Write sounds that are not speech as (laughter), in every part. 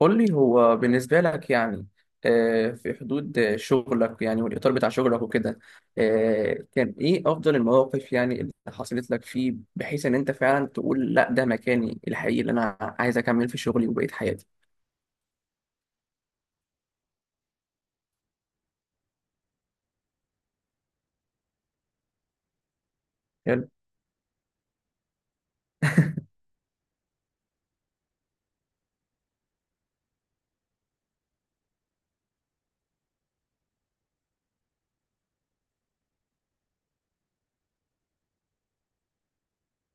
قول لي هو بالنسبة لك يعني في حدود شغلك يعني والإطار بتاع شغلك وكده، كان إيه أفضل المواقف يعني اللي حصلت لك فيه بحيث إن أنت فعلا تقول لا ده مكاني الحقيقي اللي أنا عايز أكمل في شغلي وبقية حياتي؟ حلو.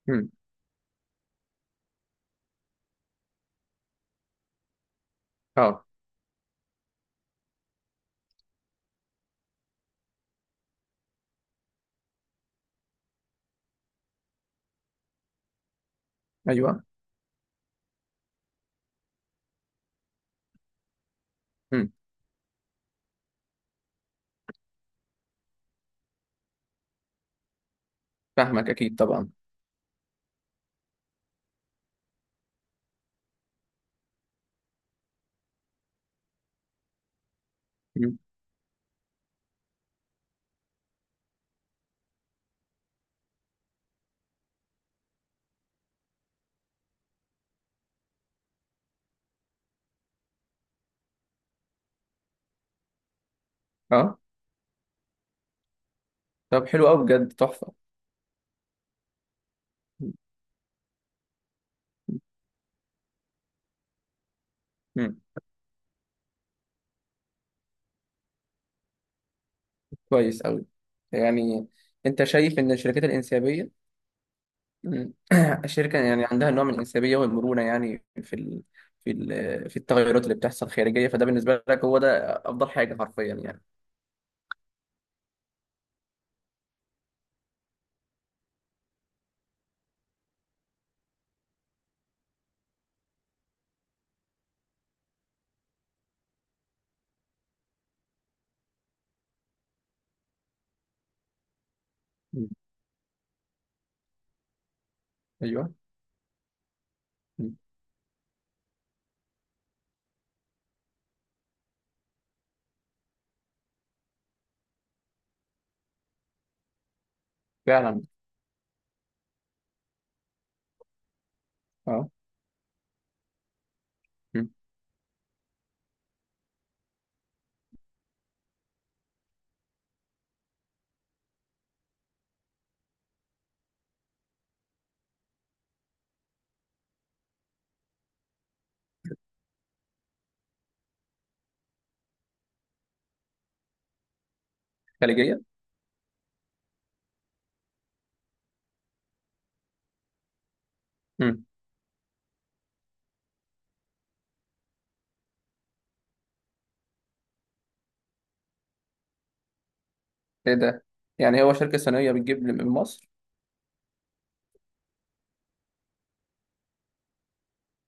مم. أه. أيوه. مم. فاهمك، أكيد طبعا. مم. أه. طب حلو أوي، بجد تحفة. مم. كويس أوي. يعني أنت شايف إن الشركات الإنسيابية، مم، (clears throat) الشركة يعني عندها نوع من الإنسيابية والمرونة يعني في ال... في ال... في التغيرات اللي بتحصل خارجية، فده بالنسبة لك هو ده أفضل حاجة حرفيا يعني؟ مم. أيوه. مم. فعلا. أه. مم. خارجية. مم. إيه ده؟ يعني هو شركة صينية بتجيب من مصر؟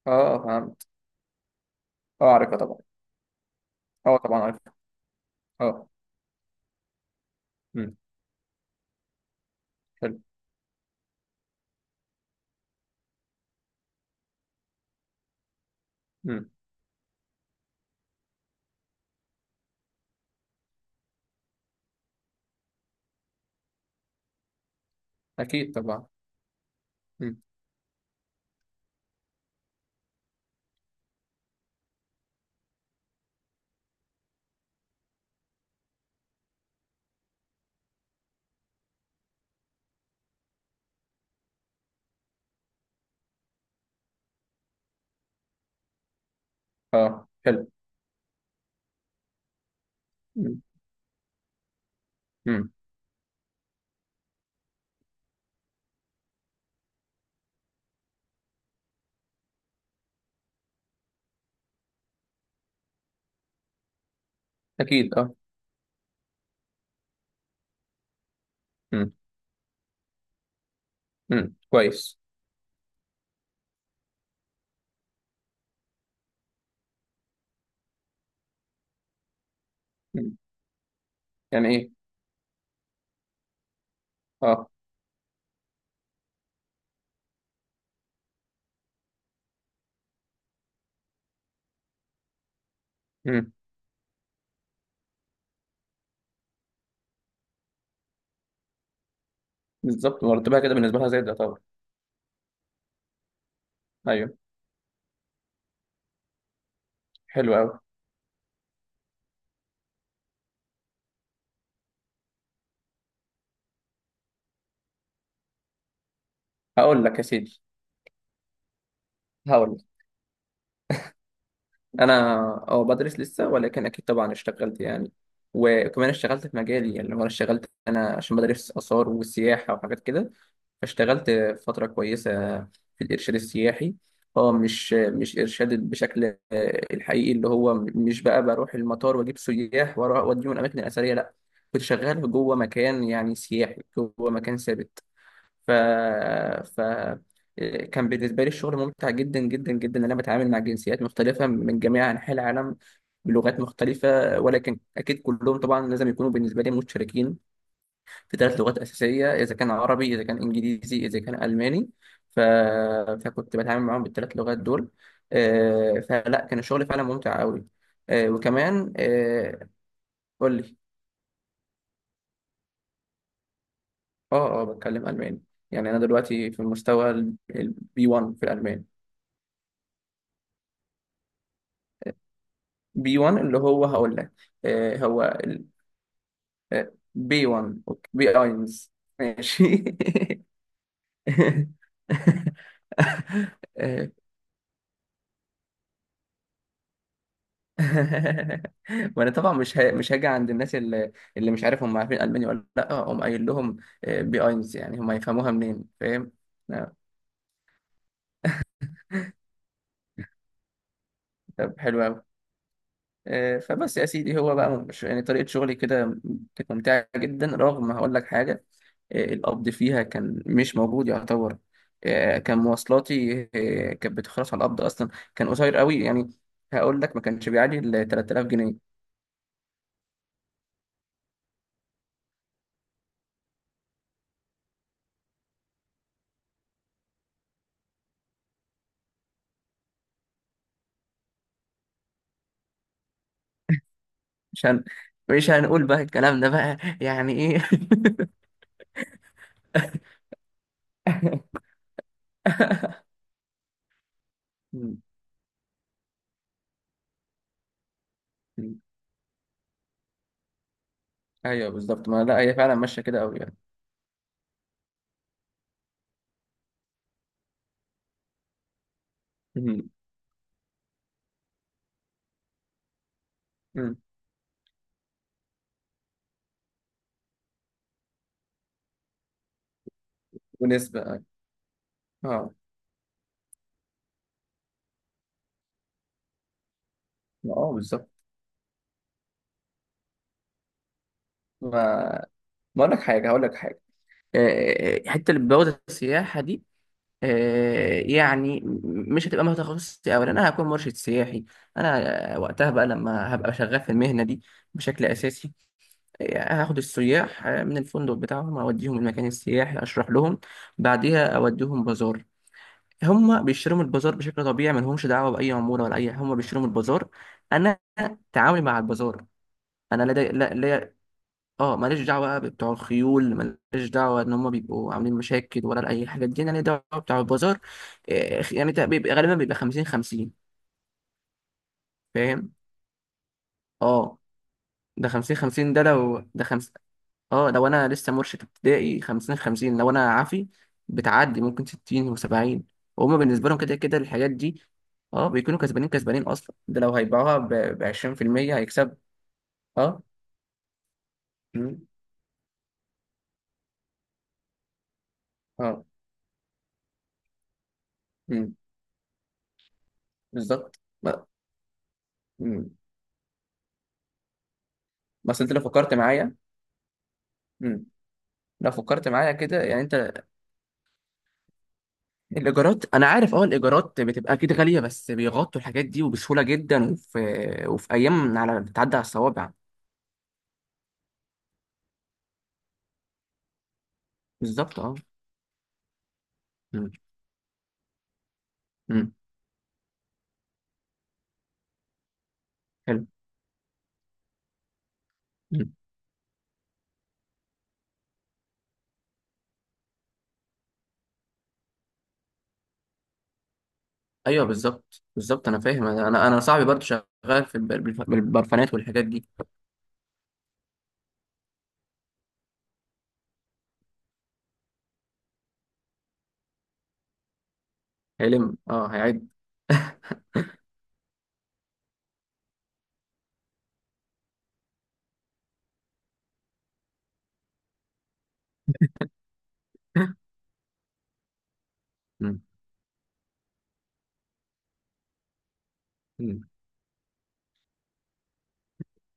أه فهمت. أه عارفها طبعا. أه طبعا عارفها. أه. مم. حلو. مم. أكيد طبعا. مم. أه. حلو. مم. مم. أكيد أه. مم. مم. كويس. مم. يعني إيه؟ أه. مم. بالظبط، مرتبها كده بالنسبة لها زي ده طبعا. ايوه. حلو قوي. هقول لك يا سيدي. هقول لك. انا، اه بدرس لسه، ولكن اكيد طبعا اشتغلت يعني. وكمان اشتغلت في مجالي، يعني هو انا اشتغلت انا عشان بدرس اثار وسياحه وحاجات كده. فاشتغلت فتره كويسه في الارشاد السياحي. اه مش ارشاد بشكل الحقيقي، اللي هو مش بقى بروح المطار واجيب سياح واروح اوديهم الاماكن الاثريه، لا، كنت شغال جوه مكان يعني سياحي، جوه مكان ثابت. ف ف كان بالنسبه لي الشغل ممتع جدا جدا جدا، ان انا بتعامل مع جنسيات مختلفه من جميع انحاء العالم بلغات مختلفه. ولكن اكيد كلهم طبعا لازم يكونوا بالنسبه لي مشتركين في ثلاث لغات اساسيه، اذا كان عربي، اذا كان انجليزي، اذا كان الماني. ف... فكنت بتعامل معاهم بالثلاث لغات دول. فلا، كان الشغل فعلا ممتع قوي. آه، وكمان آه، قول لي. اه اه بتكلم الماني. يعني انا دلوقتي في المستوى البي 1 في الالماني. بي 1 اللي هو هقول لك آه، هو ال- آه، بي 1، أوكي. بي اينز. ماشي. (laughs) آه، (laughs) وانا طبعا مش هاجي عند الناس اللي مش عارف هم عارفين الماني ولا لا، اقوم قايل لهم بي اينز، يعني هم هيفهموها منين؟ فاهم. آه، طب حلو قوي. فبس يا سيدي، هو بقى مش يعني طريقة شغلي كده كانت ممتعة جدا. رغم هقول لك حاجة، القبض فيها كان مش موجود يعتبر. كان مواصلاتي كانت بتخلص على القبض أصلا. كان قصير قوي يعني. هقول لك ما كانش بيعدي ال 3000 جنيه. مش هن... مش هنقول بقى الكلام ده بقى يعني إيه. (laughs) مم. مم. ايوه بالظبط. ما لا، هي فعلا ماشيه كده قوي يعني. مم. مم. ونسبه. اه. اه. بالظبط. ما ما اقول لك حاجه، هقول لك حاجه. حته اللي بوابه السياحه دي يعني، مش هتبقى مهنه تخصصي، اولا انا هكون مرشد سياحي. انا وقتها بقى لما هبقى شغال في المهنه دي بشكل اساسي، هاخد السياح من الفندق بتاعهم، اوديهم المكان السياحي، اشرح لهم، بعديها اوديهم بازار. هم بيشتروا من البازار بشكل طبيعي، ما لهمش دعوه باي عموله ولا اي. هم بيشتروا من البازار. انا تعاملي مع البازار. انا لدي لا- ليا. اه ماليش دعوه بقى بتوع الخيول، ماليش دعوه ان هم بيبقوا عاملين مشاكل ولا اي حاجه. دي انا ليا دعوه بتوع البازار. يعني بيبقى غالبا بيبقى 50 50. فاهم. اه. ده 50 50، ده لو ده خمس. اه لو انا لسه مرشد ابتدائي 50 50، لو انا عافي بتعدي ممكن 60 و70. وهم بالنسبه لهم كده كده الحاجات دي. اه، بيكونوا كسبانين اصلا. ده لو هيبيعوها ب 20% هيكسب. اه. مم. اه. مم. بالظبط مم. بس انت لو فكرت معايا، لو فكرت معايا كده يعني انت، الايجارات، انا عارف اه الايجارات بتبقى اكيد غاليه، بس بيغطوا الحاجات دي وبسهوله جدا. وفي وفي ايام على بتعدي على الصوابع. بالظبط اه. مم. مم. حلو. مم. ايوه بالظبط بالظبط انا فاهم. انا أنا صاحبي برضه شغال في بالبرفانات والحاجات دي. هيلم اه هيعد. (laughs) مم.